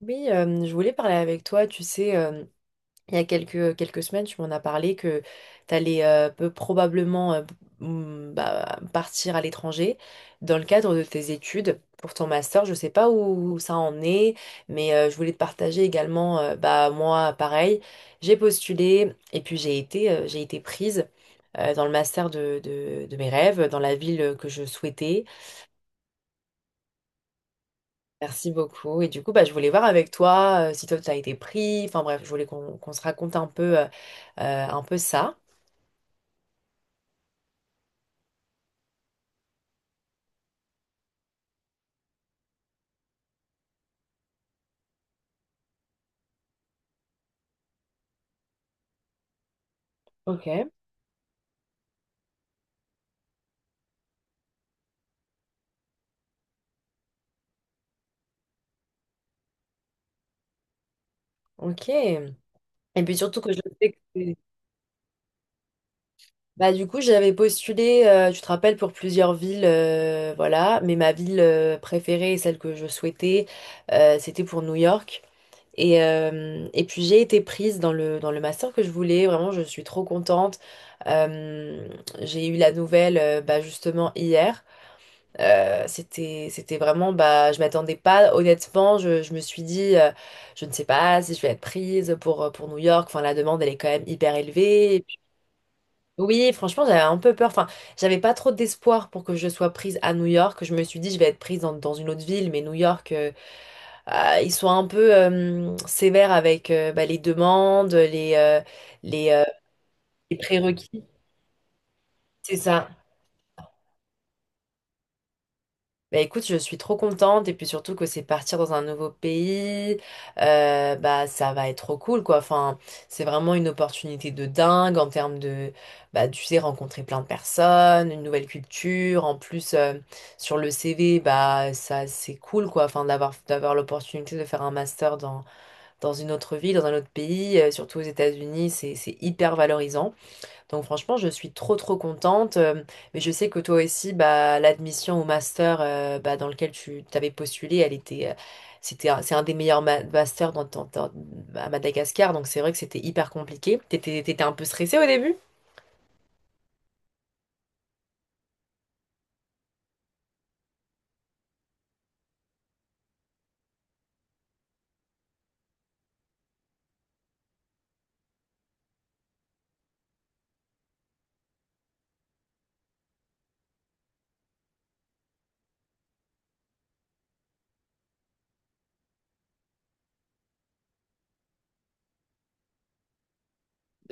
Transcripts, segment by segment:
Oui, je voulais parler avec toi. Tu sais, il y a quelques semaines, tu m'en as parlé que tu allais probablement partir à l'étranger dans le cadre de tes études pour ton master. Je ne sais pas où ça en est, mais je voulais te partager également, bah, moi, pareil, j'ai postulé et puis j'ai été prise dans le master de mes rêves, dans la ville que je souhaitais. Merci beaucoup. Et du coup, bah, je voulais voir avec toi si toi, tu as été pris. Enfin bref, je voulais qu'on se raconte un peu ça. Ok. Ok. Et puis surtout que je sais que... Bah, du coup, j'avais postulé, tu te rappelles, pour plusieurs villes, voilà. Mais ma ville préférée et celle que je souhaitais, c'était pour New York. Et puis j'ai été prise dans le master que je voulais. Vraiment, je suis trop contente. Euh, j'ai eu la nouvelle, bah, justement, hier. C'était vraiment, bah, je m'attendais pas, honnêtement, je me suis dit, je ne sais pas si je vais être prise pour New York, enfin, la demande, elle est quand même hyper élevée. Et puis, oui, franchement, j'avais un peu peur, enfin, j'avais pas trop d'espoir pour que je sois prise à New York. Je me suis dit, je vais être prise dans une autre ville, mais New York, ils sont un peu sévères avec bah, les demandes, les, euh, les prérequis. C'est ça. Bah écoute, je suis trop contente et puis surtout que c'est partir dans un nouveau pays, bah ça va être trop cool quoi. Enfin, c'est vraiment une opportunité de dingue en termes de, bah tu sais, rencontrer plein de personnes, une nouvelle culture. En plus, sur le CV, bah ça c'est cool quoi. Enfin, d'avoir l'opportunité de faire un master dans une autre ville, dans un autre pays, surtout aux États-Unis, c'est hyper valorisant. Donc franchement, je suis trop contente. Mais je sais que toi aussi, bah, l'admission au master bah, dans lequel tu t'avais postulé, elle était, c'était, un- c'est un des meilleurs masters à Madagascar. Donc c'est vrai que c'était hyper compliqué. T'étais un peu stressée au début?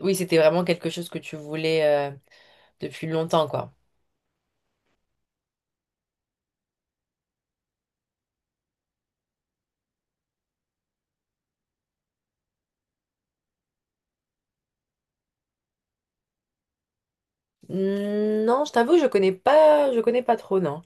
Oui, c'était vraiment quelque chose que tu voulais euh, depuis longtemps, quoi. Hmm, non, je t'avoue, je connais pas trop, non.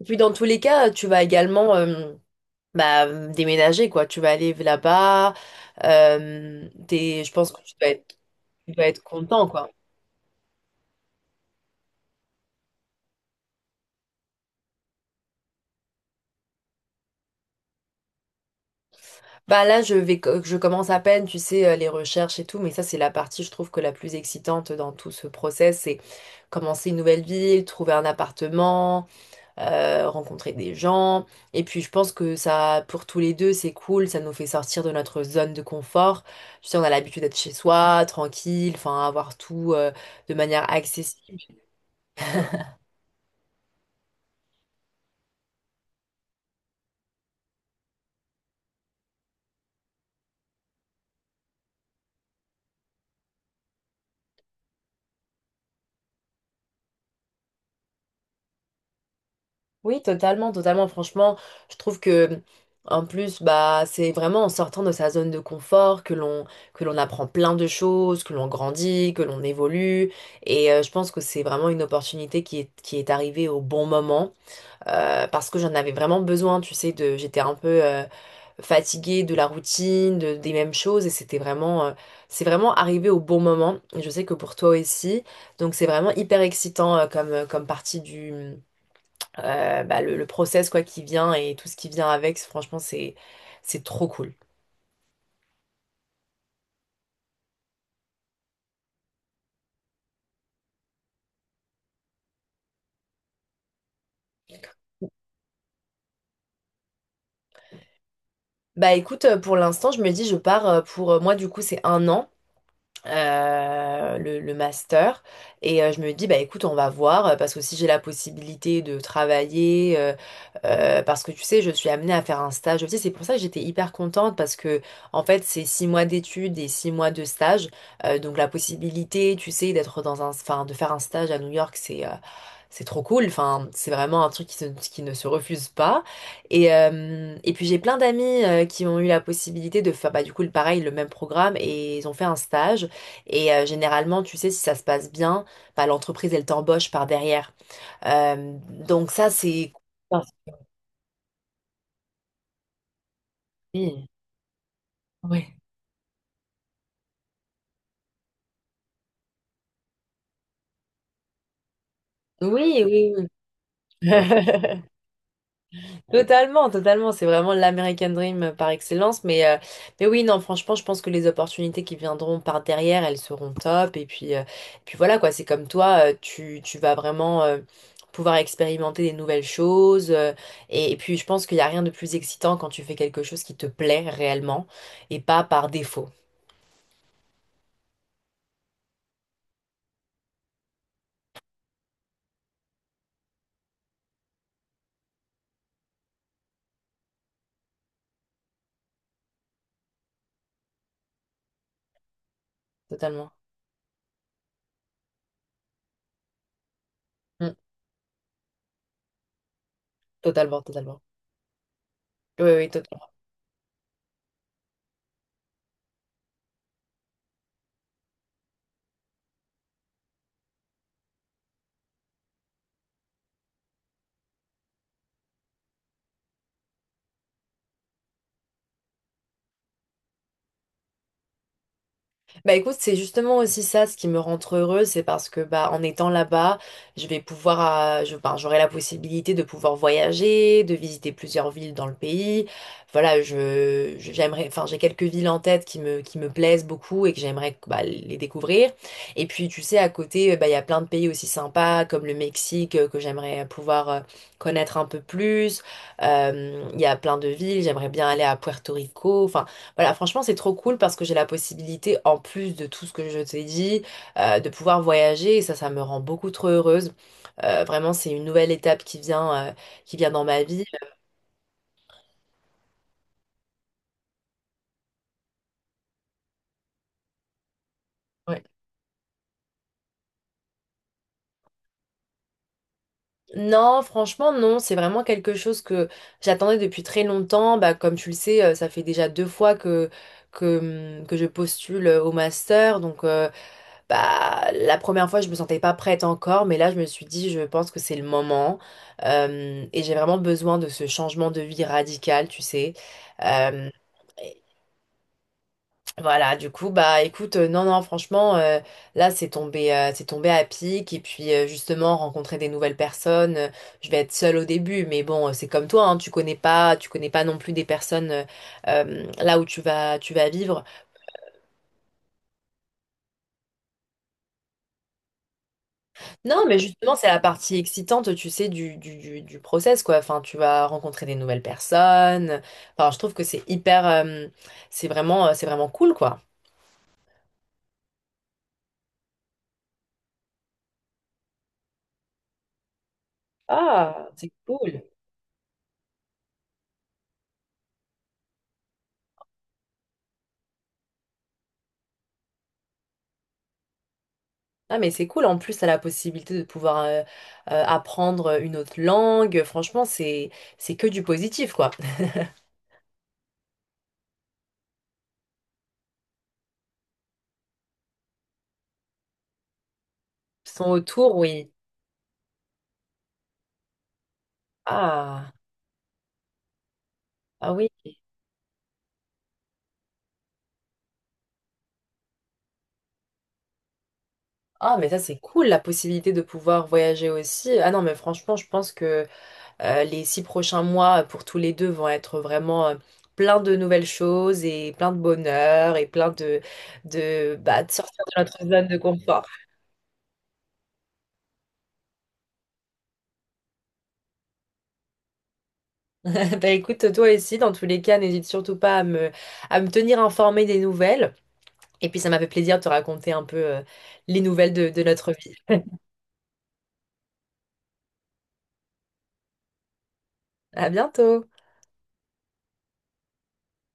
Et puis dans tous les cas, tu vas également bah, déménager, quoi. Tu vas aller là-bas. Je pense que tu dois être. Tu dois être content, quoi. Bah là, je vais, co- Je commence à peine, tu sais, les recherches et tout, mais ça, c'est la partie, je trouve, que la plus excitante dans tout ce process, c'est commencer une nouvelle ville, trouver un appartement, rencontrer des gens. Et puis, je pense que ça, pour tous les deux, c'est cool, ça nous fait sortir de notre zone de confort. Tu sais, on a l'habitude d'être chez soi, tranquille, enfin, avoir tout, de manière accessible. Oui, totalement, totalement. Franchement, je trouve que, en plus, bah, c'est vraiment en sortant de sa zone de confort que l'on apprend plein de choses, que l'on grandit, que l'on évolue. Et je pense que c'est vraiment une opportunité qui est arrivée au bon moment, parce que j'en avais vraiment besoin. Tu sais, de, j'étais un peu fatiguée de la routine, des mêmes choses, et c'est vraiment arrivé au bon moment. Et je sais que pour toi aussi. Donc, c'est vraiment hyper excitant comme partie bah, le process quoi qui vient et tout ce qui vient avec, franchement, c'est trop cool. Bah écoute, pour l'instant, je me dis, je pars pour moi, du coup, c'est un an. Le master. Et je me dis, bah écoute, on va voir, parce que si j'ai la possibilité de travailler, parce que tu sais, je suis amenée à faire un stage aussi. C'est pour ça que j'étais hyper contente, parce que en fait, c'est 6 mois d'études et 6 mois de stage. Donc la possibilité, tu sais, d'être dans un, enfin, de faire un stage à New York, c'est trop cool, enfin, c'est vraiment un truc qui ne se refuse pas. Et puis j'ai plein d'amis qui ont eu la possibilité de faire bah, du coup le pareil, le même programme, et ils ont fait un stage. Et généralement, tu sais, si ça se passe bien, bah, l'entreprise, elle t'embauche par derrière. Euh, donc ça, c'est... Oui, oui, oui. Oui. Totalement, totalement. C'est vraiment l'American Dream par excellence. Mais oui, non, franchement, je pense que les opportunités qui viendront par derrière, elles seront top. Et puis voilà, quoi. C'est comme toi, tu vas vraiment pouvoir expérimenter des nouvelles choses. Et puis, je pense qu'il n'y a rien de plus excitant quand tu fais quelque chose qui te plaît réellement et pas par défaut. Totalement. Mm. Totalement, totalement. Oui, oui, totalement. Bah écoute, c'est justement aussi ça ce qui me rend trop heureuse, c'est parce que bah en étant là-bas, je vais pouvoir, je, ben, j'aurai la possibilité de pouvoir voyager, de visiter plusieurs villes dans le pays. Voilà, j'aimerais, enfin j'ai quelques villes en tête qui me plaisent beaucoup et que j'aimerais bah, les découvrir. Et puis tu sais, à côté, bah il y a plein de pays aussi sympas comme le Mexique que j'aimerais pouvoir connaître un peu plus. Il y a plein de villes, j'aimerais bien aller à Puerto Rico. Enfin. Voilà, franchement, c'est trop cool parce que j'ai la possibilité, en plus de tout ce que je t'ai dit, de pouvoir voyager et ça me rend beaucoup trop heureuse. Vraiment, c'est une nouvelle étape qui vient dans ma vie. Ouais. Non, franchement, non, c'est vraiment quelque chose que j'attendais depuis très longtemps. Bah, comme tu le sais, ça fait déjà deux fois que je postule au master. Donc, bah, la première fois, je me sentais pas prête encore, mais là, je me suis dit, je pense que c'est le moment. Et j'ai vraiment besoin de ce changement de vie radical, tu sais. Euh, et voilà, du coup, bah, écoute, non, non, franchement, là, c'est tombé à pic. Et puis, justement, rencontrer des nouvelles personnes. Je vais être seule au début, mais bon, c'est comme toi, hein, tu connais pas non plus des personnes là où tu vas vivre. Non, mais justement, c'est la partie excitante, tu sais, du process, quoi. Enfin, tu vas rencontrer des nouvelles personnes. Enfin, je trouve que c'est hyper... c'est vraiment cool, quoi. Ah, c'est cool. Ah, mais c'est cool. En plus, t'as la possibilité de pouvoir apprendre une autre langue. Franchement, c'est que du positif, quoi. Ils sont autour, oui. Ah, ah oui. Ah, mais ça, c'est cool, la possibilité de pouvoir voyager aussi. Ah non, mais franchement, je pense que... les 6 prochains mois pour tous les deux vont être vraiment plein de nouvelles choses et plein de bonheur et bah, de sortir de notre zone de confort. Bah écoute, toi aussi, dans tous les cas, n'hésite surtout pas à me, à me tenir informée des nouvelles. Et puis ça m'a fait plaisir de te raconter un peu les nouvelles de notre vie. À bientôt!